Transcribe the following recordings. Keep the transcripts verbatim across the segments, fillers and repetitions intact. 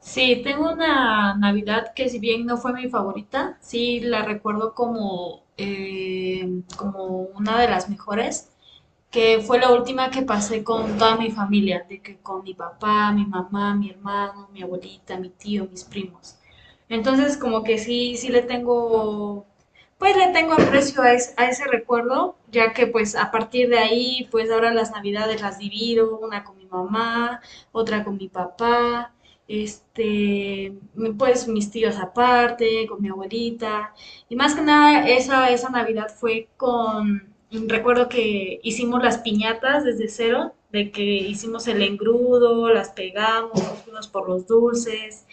Sí, tengo una Navidad que si bien no fue mi favorita, sí la recuerdo como, eh, como una de las mejores que fue la última que pasé con toda mi familia, de que con mi papá, mi mamá, mi hermano, mi abuelita, mi tío, mis primos. Entonces, como que sí, sí le tengo, pues le tengo aprecio a, es- a ese recuerdo, ya que pues a partir de ahí, pues ahora las navidades las divido, una con mi mamá, otra con mi papá, este, pues mis tíos aparte, con mi abuelita. Y más que nada, esa, esa Navidad fue con, recuerdo que hicimos las piñatas desde cero, de que hicimos el engrudo, las pegamos, nos fuimos por los dulces,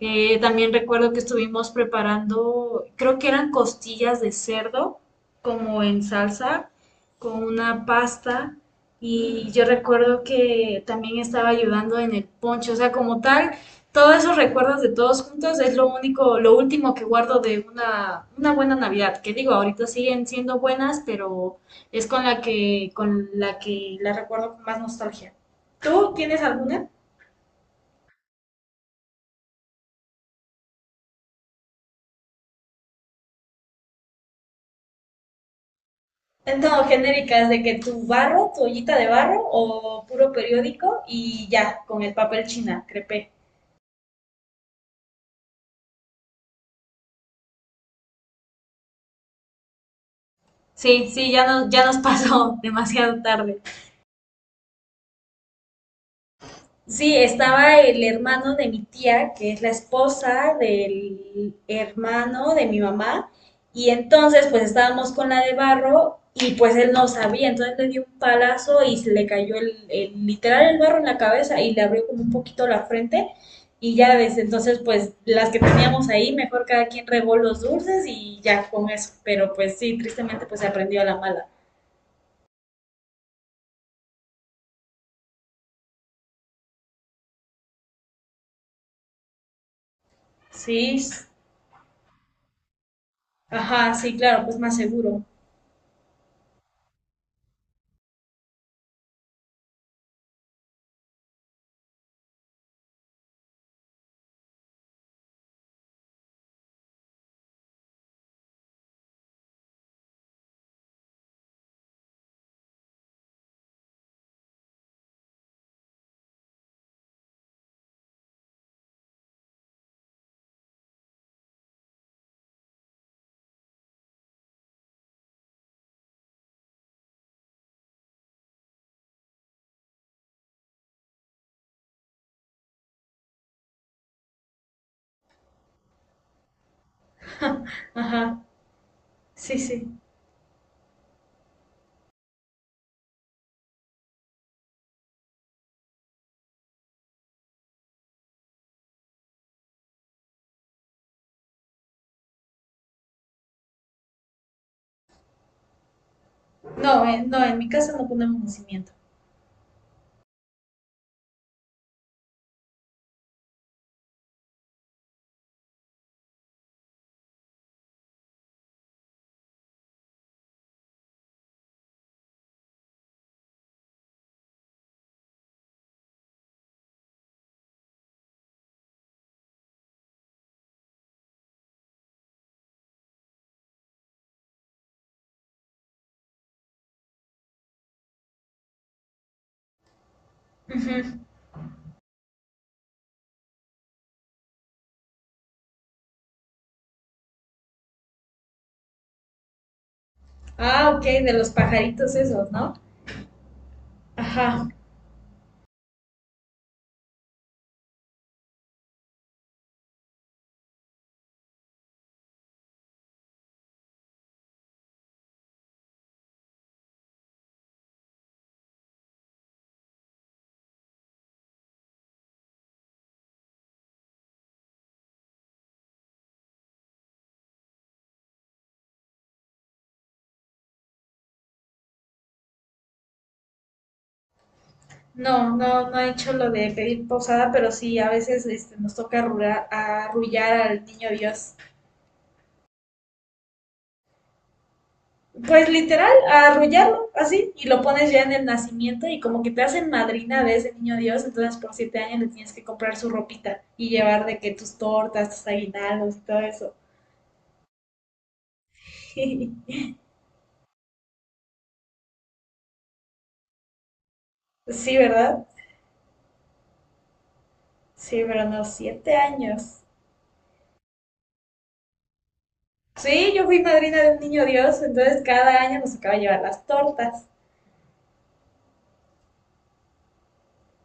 eh, también recuerdo que estuvimos preparando, creo que eran costillas de cerdo, como en salsa, con una pasta. Y yo recuerdo que también estaba ayudando en el ponche, o sea, como tal, todos esos recuerdos de todos juntos es lo único, lo último que guardo de una, una buena Navidad, que digo, ahorita siguen siendo buenas, pero es con la que, con la que la recuerdo con más nostalgia. ¿Tú tienes alguna? No, genéricas, de que tu barro, tu ollita de barro o puro periódico y ya, con el papel china, crepé. Sí, sí, ya nos, ya nos pasó demasiado tarde. Sí, estaba el hermano de mi tía, que es la esposa del hermano de mi mamá, y entonces pues estábamos con la de barro y pues él no sabía, entonces le dio un palazo y se le cayó el, el- literal el barro en la cabeza y le abrió como un poquito la frente y ya desde entonces pues las que teníamos ahí, mejor cada quien regó los dulces y ya con eso, pero pues sí, tristemente pues se aprendió a la mala. Sí, s- ajá, sí, claro, pues más seguro. Ajá, sí, sí. No, eh, no, en mi casa no ponemos nacimiento. Ujú. Ah, ok, de los pajaritos esos, ¿no? Ajá. No, no, no he hecho lo de pedir posada, pero sí, a veces este, nos toca arrullar, arrullar al niño Dios. Pues literal, arrullarlo así, y lo pones ya en el nacimiento y como que te hacen madrina de ese niño Dios, entonces por siete años le tienes que comprar su ropita y llevar de que tus tortas, tus aguinaldos y todo eso. Sí, ¿verdad? Sí, pero no, siete años. Sí, yo fui madrina de un niño Dios, entonces cada año nos tocaba llevar las tortas.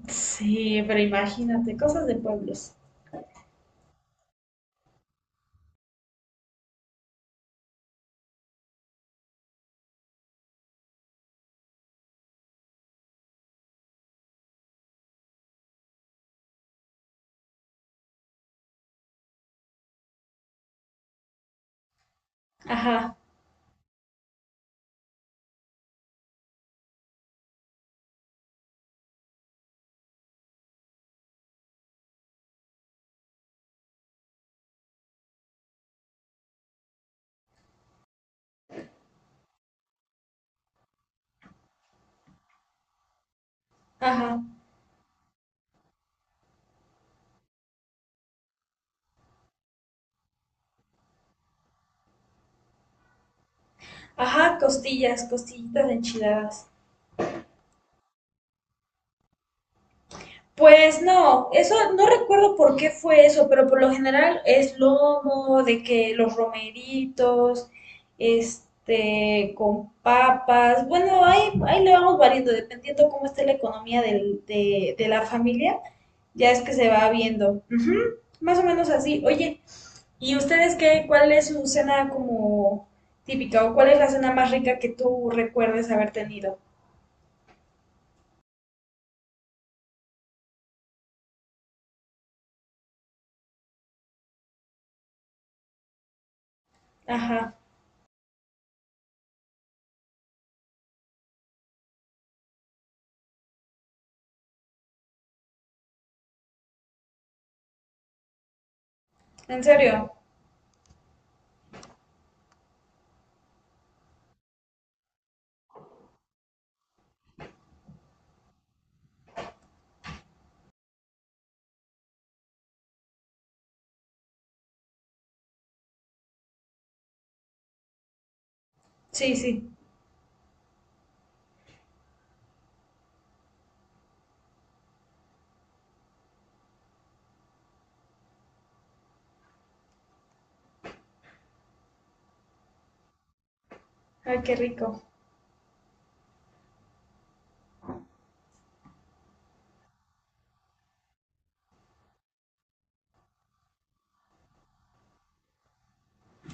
Sí, pero imagínate, cosas de pueblos. Ajá, ajá, ajá, costillas, costillitas enchiladas. Pues no, eso no recuerdo por qué fue eso, pero por lo general es lomo, de que los romeritos, este, con papas. Bueno, ahí, ahí le vamos variando, dependiendo cómo esté la economía del- de, de la familia. Ya es que se va viendo. Ujú. Más o menos así. Oye, ¿y ustedes qué? ¿Cuál es su cena como típica o cuál es la cena más rica que tú recuerdes haber tenido? Ajá. ¿En serio? Sí, sí. Ay, qué rico.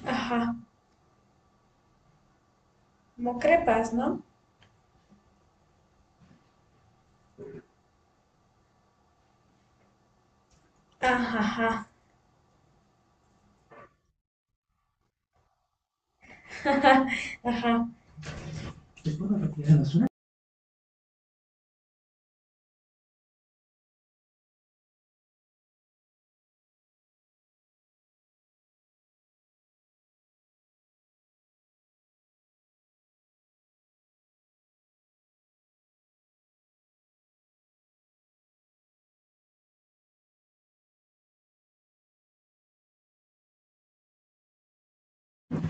Ajá. Como crepas, ¿no? Ajá, ajá. Ajá.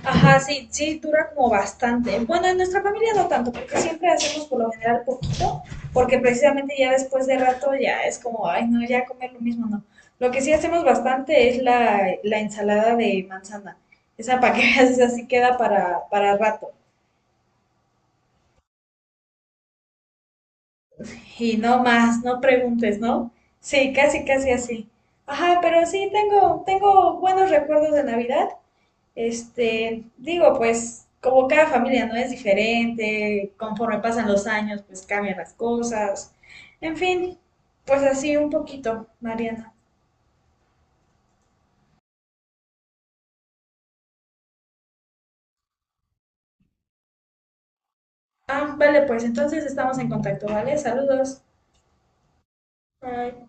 Ajá, sí, sí, dura como bastante. Bueno, en nuestra familia no tanto, porque siempre hacemos por lo general poquito, porque precisamente ya después de rato ya es como, ay, no, ya comer lo mismo, no. Lo que sí hacemos bastante es la, la ensalada de manzana. Esa para que veas, esa sí queda para, para rato. Y no más, no preguntes, ¿no? Sí, casi, casi así. Ajá, pero sí tengo, tengo buenos recuerdos de Navidad. Este, digo, pues como cada familia no es diferente, conforme pasan los años, pues cambian las cosas. En fin, pues así un poquito, Mariana. Ah, vale, pues entonces estamos en contacto, ¿vale? Saludos. Bye.